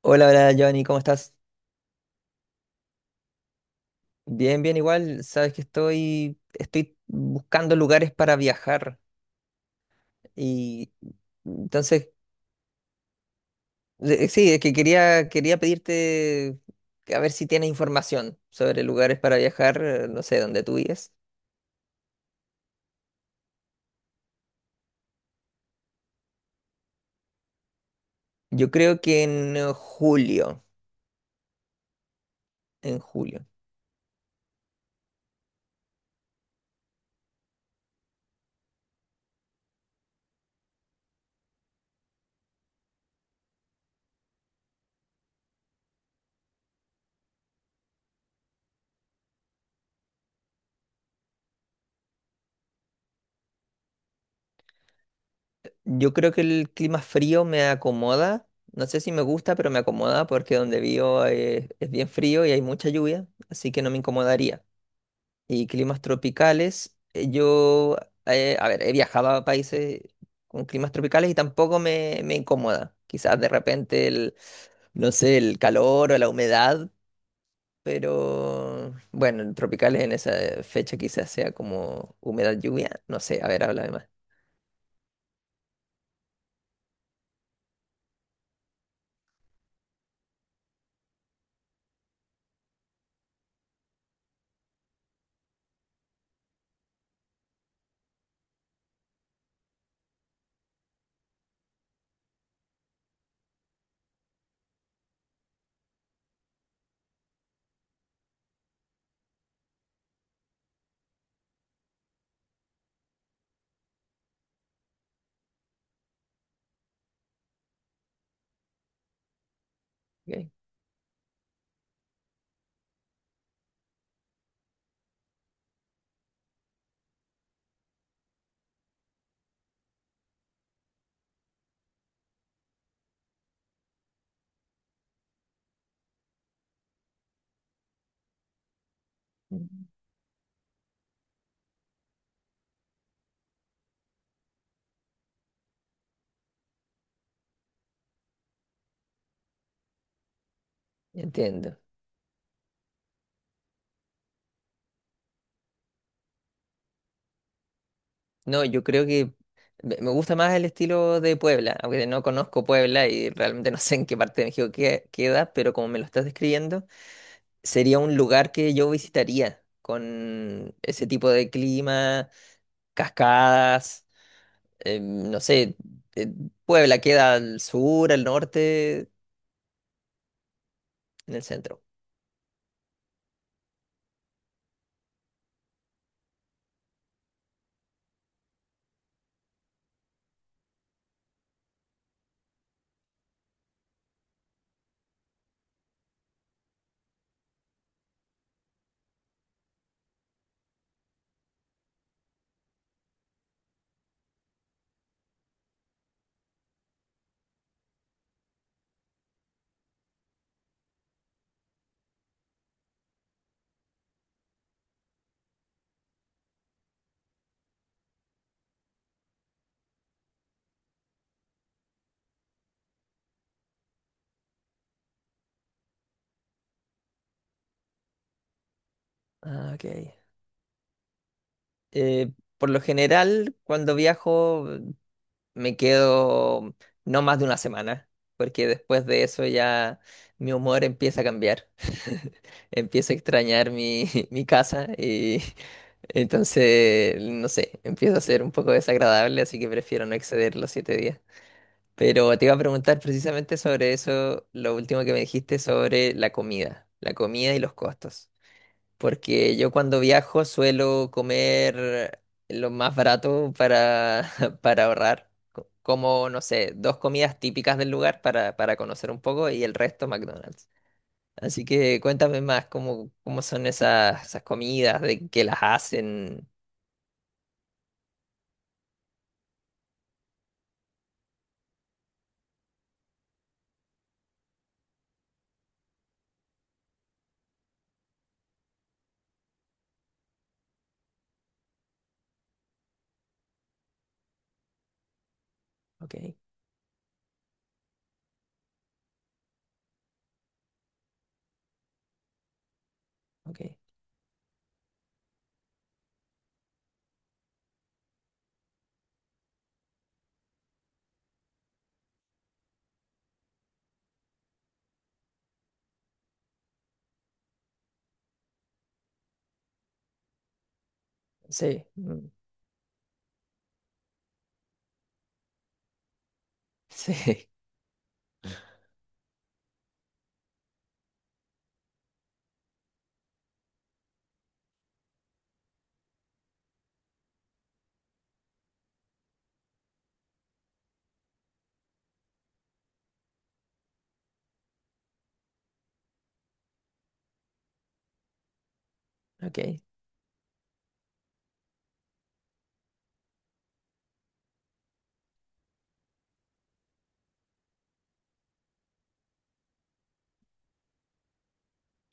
Hola, hola, Giovanni, ¿cómo estás? Bien, bien, igual. Sabes que estoy buscando lugares para viajar y entonces, sí, es que quería pedirte que a ver si tienes información sobre lugares para viajar, no sé, dónde tú vives. Yo creo que en julio, en julio. Yo creo que el clima frío me acomoda. No sé si me gusta, pero me acomoda porque donde vivo es bien frío y hay mucha lluvia, así que no me incomodaría. Y climas tropicales. A ver, he viajado a países con climas tropicales y tampoco me incomoda. Quizás de repente no sé, el calor o la humedad, pero bueno, el tropical en esa fecha quizás sea como humedad lluvia. No sé, a ver, háblame más. Ok. Mm. Entiendo. No, yo creo que me gusta más el estilo de Puebla, aunque no conozco Puebla y realmente no sé en qué parte de México queda, pero como me lo estás describiendo, sería un lugar que yo visitaría con ese tipo de clima, cascadas, no sé, eh, Puebla queda al sur, al norte, en el centro. Ah, ok. Eh, por lo general, cuando viajo, me quedo no más de una semana, porque después de eso ya mi humor empieza a cambiar. Empiezo a extrañar mi, mi casa y entonces, no sé, empieza a ser un poco desagradable, así que prefiero no exceder los 7 días. Pero te iba a preguntar precisamente sobre eso, lo último que me dijiste sobre la comida y los costos. Porque yo cuando viajo suelo comer lo más barato para ahorrar. Como, no sé, dos comidas típicas del lugar para conocer un poco y el resto McDonald's. Así que cuéntame más cómo son esas comidas, de qué las hacen. Ok, ok. Sí, mm, sí, ok,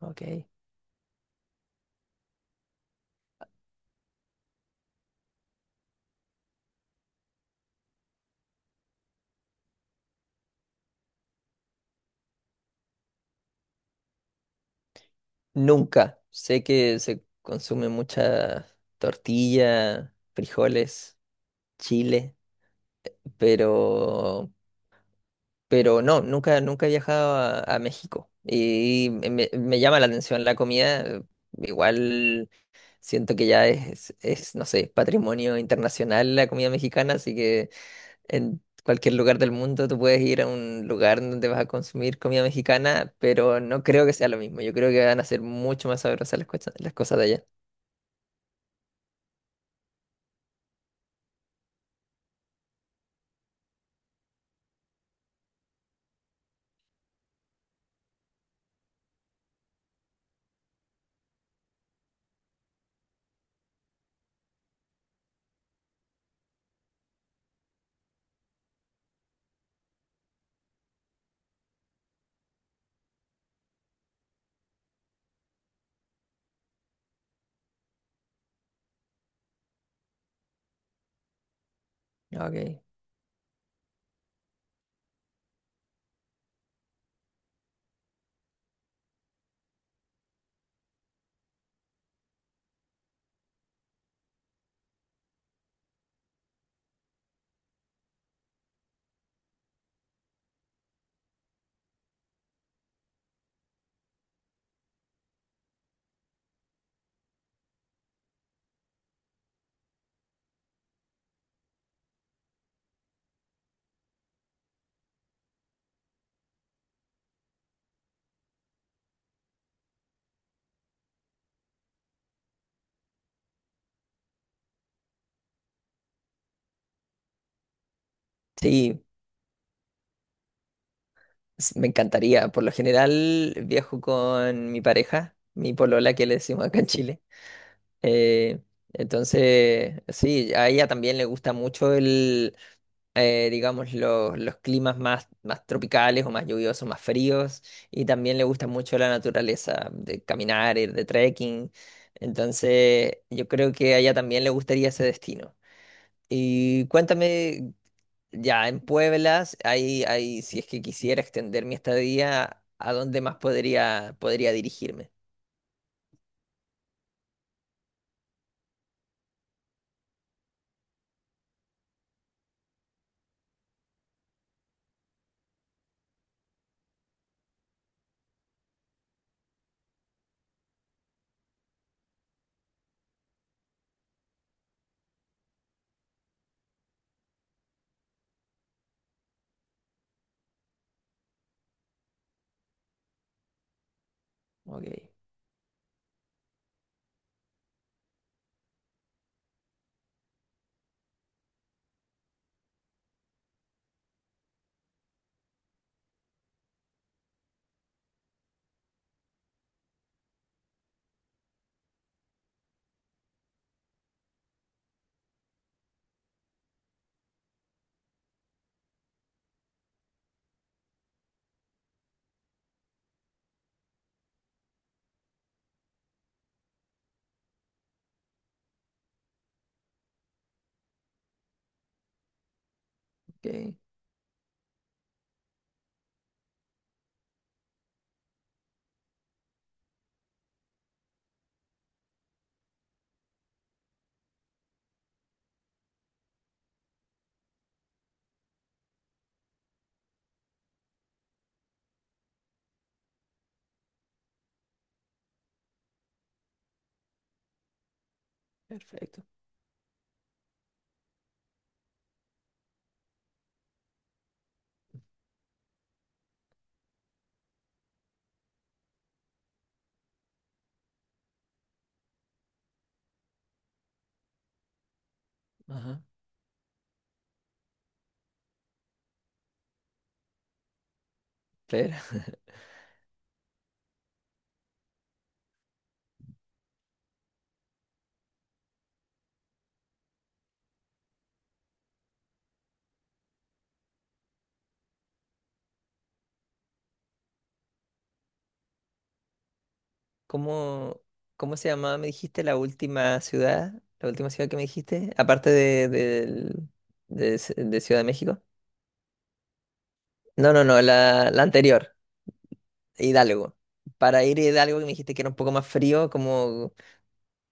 ok. Nunca. Sé que se consume mucha tortilla, frijoles, chile, pero... Pero no, nunca he viajado a México y me llama la atención la comida. Igual siento que ya es, no sé, patrimonio internacional la comida mexicana, así que en cualquier lugar del mundo tú puedes ir a un lugar donde vas a consumir comida mexicana, pero no creo que sea lo mismo. Yo creo que van a ser mucho más sabrosas las cosas de allá. Okay. Sí, me encantaría. Por lo general viajo con mi pareja, mi polola que le decimos acá en Chile. Eh, entonces, sí, a ella también le gusta mucho digamos, los climas más tropicales o más lluviosos, más fríos, y también le gusta mucho la naturaleza, de caminar, ir de trekking. Entonces, yo creo que a ella también le gustaría ese destino. Y cuéntame, ya en Pueblas, si es que quisiera extender mi estadía, ¿a dónde más podría dirigirme? Ok, ok, perfecto. Ajá. Claro. ¿Cómo, cómo se llamaba, me dijiste, la última ciudad? ¿La última ciudad que me dijiste? Aparte de Ciudad de México. No, no, no, la anterior, Hidalgo. Para ir a Hidalgo, que me dijiste que era un poco más frío, como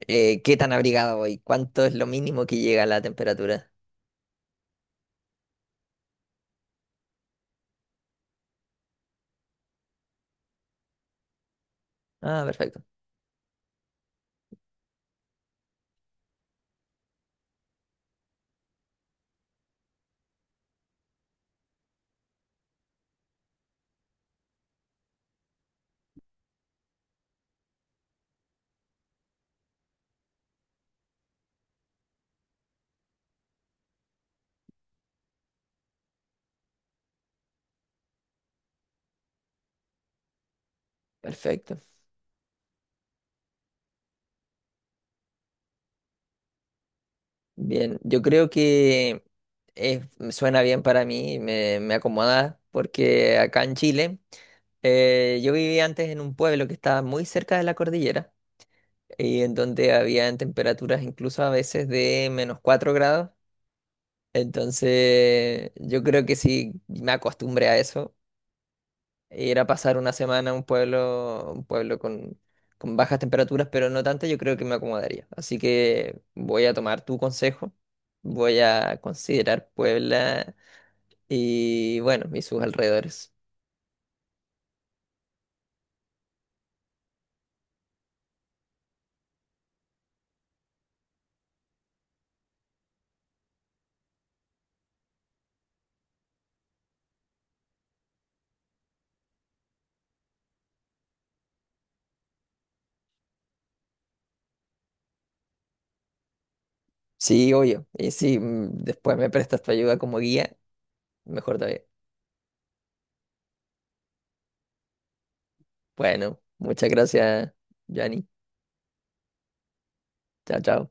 ¿qué tan abrigado voy? ¿Cuánto es lo mínimo que llega la temperatura? Ah, perfecto, perfecto. Bien, yo creo que me suena bien para mí, me acomoda, porque acá en Chile, yo vivía antes en un pueblo que estaba muy cerca de la cordillera, y en donde habían temperaturas incluso a veces de -4 grados. Entonces, yo creo que sí me acostumbré a eso. Ir a pasar una semana a un pueblo con bajas temperaturas, pero no tantas, yo creo que me acomodaría. Así que voy a tomar tu consejo, voy a considerar Puebla y bueno, y sus alrededores. Sí, obvio. Y si después me prestas tu ayuda como guía, mejor todavía. Bueno, muchas gracias, Yanni. Chao, chao.